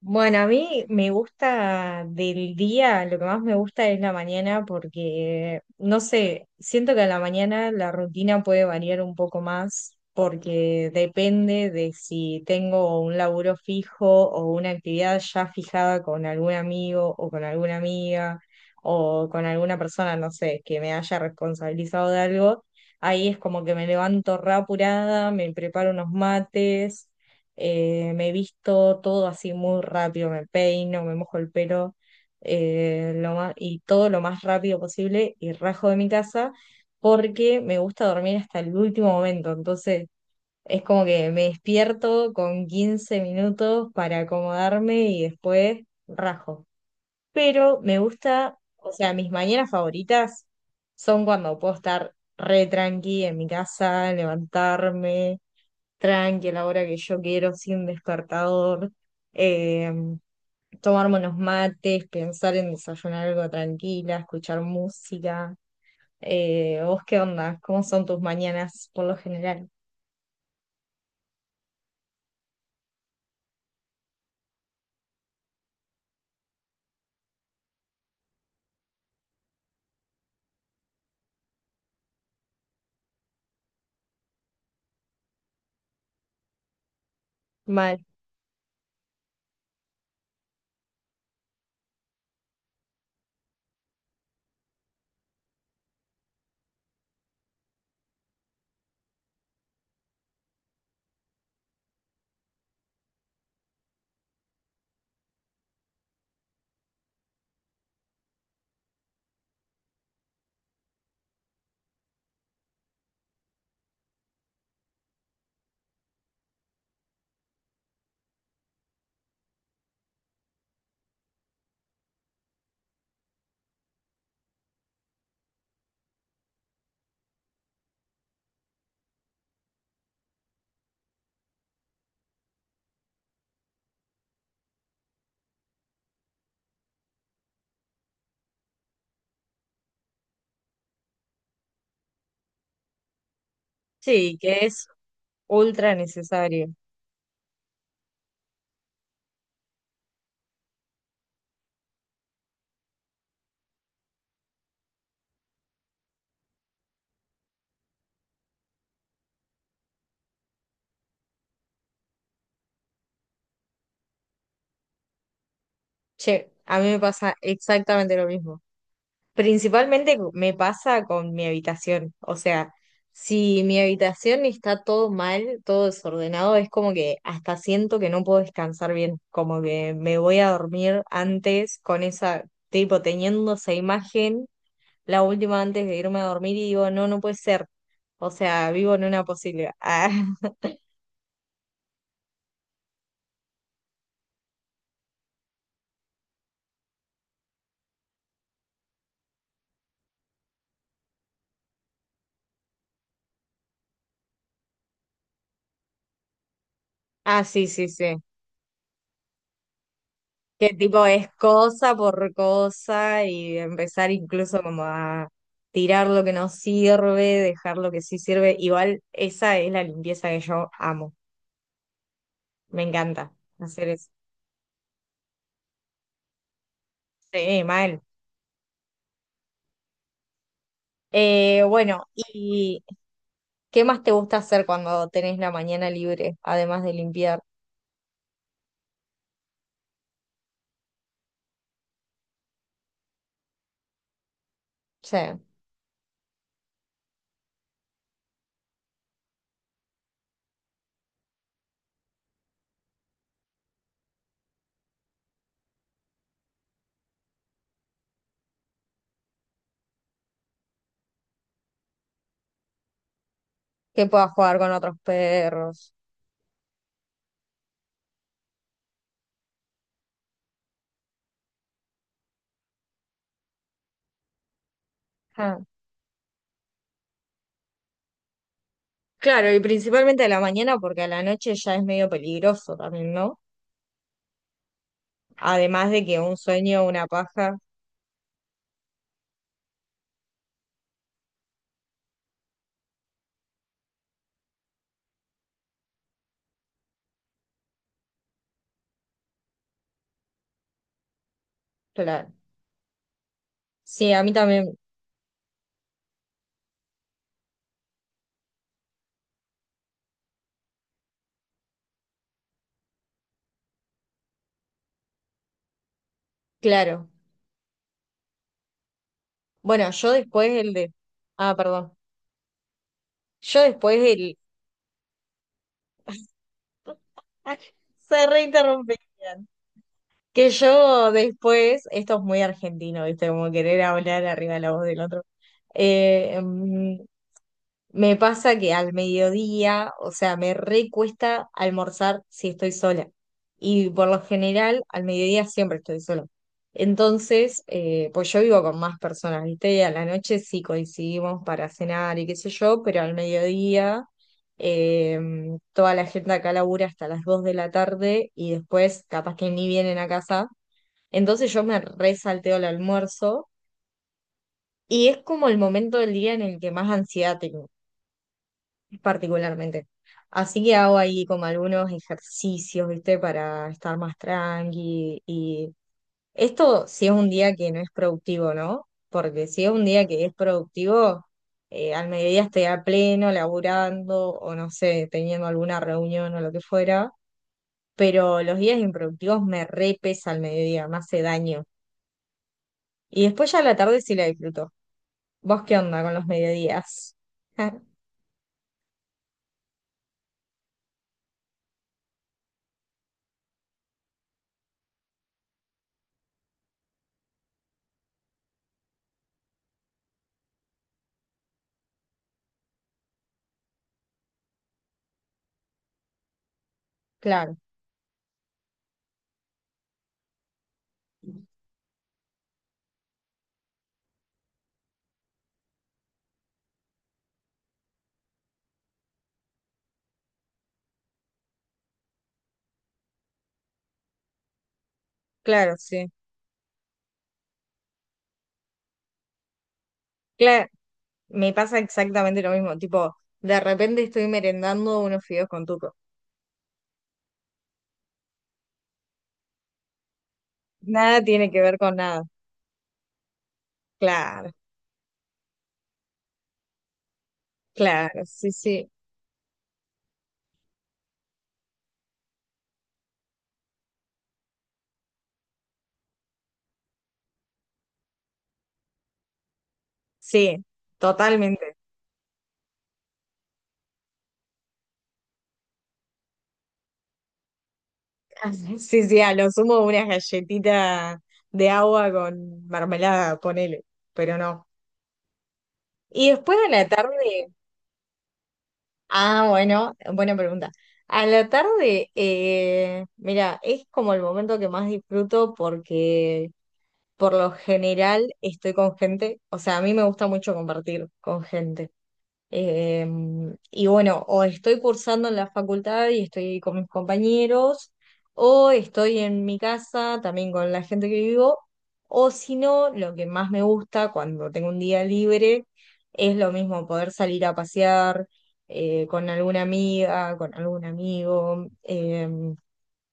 Bueno, a mí me gusta del día, lo que más me gusta es la mañana porque, no sé, siento que a la mañana la rutina puede variar un poco más porque depende de si tengo un laburo fijo o una actividad ya fijada con algún amigo o con alguna amiga o con alguna persona, no sé, que me haya responsabilizado de algo. Ahí es como que me levanto re apurada, me preparo unos mates, me visto todo así muy rápido, me peino, me mojo el pelo, y todo lo más rápido posible y rajo de mi casa porque me gusta dormir hasta el último momento, entonces es como que me despierto con 15 minutos para acomodarme y después rajo. Pero me gusta, o sea, mis mañanas favoritas son cuando puedo estar re tranqui en mi casa, levantarme tranqui a la hora que yo quiero, sin despertador, eh, tomarme unos mates, pensar en desayunar algo tranquila, escuchar música. ¿Vos qué onda? ¿Cómo son tus mañanas por lo general? Mal. Sí, que es ultra necesario. Che, a mí me pasa exactamente lo mismo. Principalmente me pasa con mi habitación. O sea, si mi habitación está todo mal, todo desordenado, es como que hasta siento que no puedo descansar bien. Como que me voy a dormir antes con esa, tipo, teniendo esa imagen, la última antes de irme a dormir y digo, no, no puede ser. O sea, vivo en una posibilidad. Ah, ah, sí, sí, sí. Que tipo es cosa por cosa y empezar incluso como a tirar lo que no sirve, dejar lo que sí sirve. Igual esa es la limpieza que yo amo. Me encanta hacer eso. Sí, mal. Bueno, ¿y qué más te gusta hacer cuando tenés la mañana libre, además de limpiar? Sí, que puedas jugar con otros perros. Ah, claro, y principalmente a la mañana porque a la noche ya es medio peligroso también, ¿no? Además de que un sueño, una paja. Claro. Sí, a mí también, claro. Bueno, yo después el de... Ah, perdón. Yo después el... se reinterrumpían. Que yo después, esto es muy argentino, ¿viste? Como querer hablar arriba de la voz del otro. Eh, em, Me pasa que al mediodía, o sea, me recuesta almorzar si estoy sola. Y por lo general, al mediodía siempre estoy sola. Entonces, pues yo vivo con más personas, ¿viste? Y a la noche sí coincidimos para cenar y qué sé yo, pero al mediodía eh, toda la gente acá labura hasta las 2 de la tarde y después capaz que ni vienen a casa. Entonces yo me resalteo el almuerzo y es como el momento del día en el que más ansiedad tengo particularmente. Así que hago ahí como algunos ejercicios, ¿viste? Para estar más tranqui. Y esto si es un día que no es productivo, ¿no? Porque si es un día que es productivo, al mediodía estoy a pleno, laburando o no sé, teniendo alguna reunión o lo que fuera. Pero los días improductivos me repesa al mediodía, me hace daño. Y después ya a la tarde sí la disfruto. ¿Vos qué onda con los mediodías? Claro, claro, sí. Cla- Me pasa exactamente lo mismo, tipo, de repente estoy merendando unos fideos con tuco. Nada tiene que ver con nada. Claro, claro, sí, sí, sí, totalmente. Sí, sí, a lo sumo una galletita de agua con mermelada, ponele, pero no. Y después a la tarde, ah, bueno, buena pregunta. A la tarde, mira, es como el momento que más disfruto porque por lo general estoy con gente, o sea, a mí me gusta mucho compartir con gente. Eh, y bueno, o estoy cursando en la facultad y estoy con mis compañeros, o estoy en mi casa también con la gente que vivo, o si no, lo que más me gusta cuando tengo un día libre es lo mismo, poder salir a pasear, con alguna amiga, con algún amigo.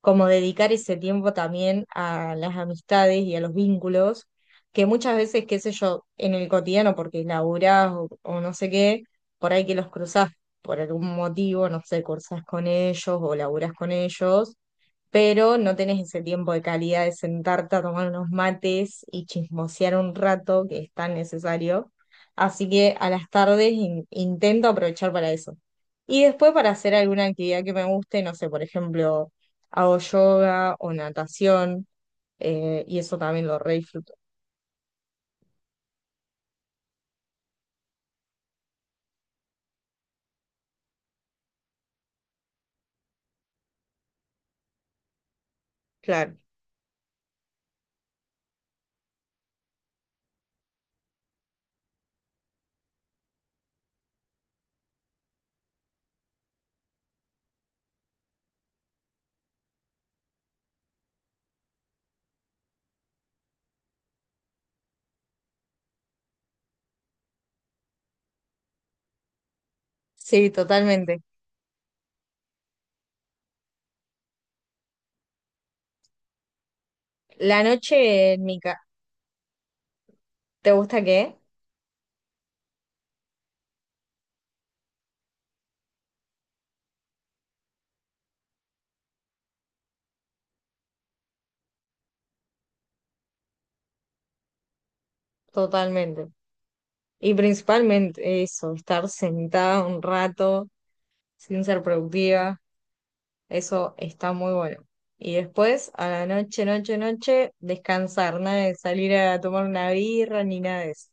Como dedicar ese tiempo también a las amistades y a los vínculos, que muchas veces, qué sé yo, en el cotidiano, porque laburás o no sé qué, por ahí que los cruzás por algún motivo, no sé, cursás con ellos o laburás con ellos, pero no tenés ese tiempo de calidad de sentarte a tomar unos mates y chismosear un rato que es tan necesario. Así que a las tardes intento aprovechar para eso. Y después para hacer alguna actividad que me guste, no sé, por ejemplo, hago yoga o natación, y eso también lo re disfruto. Claro. Sí, totalmente. La noche en mi casa. ¿Te gusta qué? Totalmente. Y principalmente eso, estar sentada un rato sin ser productiva. Eso está muy bueno. Y después, a la noche, noche, noche, descansar, nada de salir a tomar una birra ni nada de eso.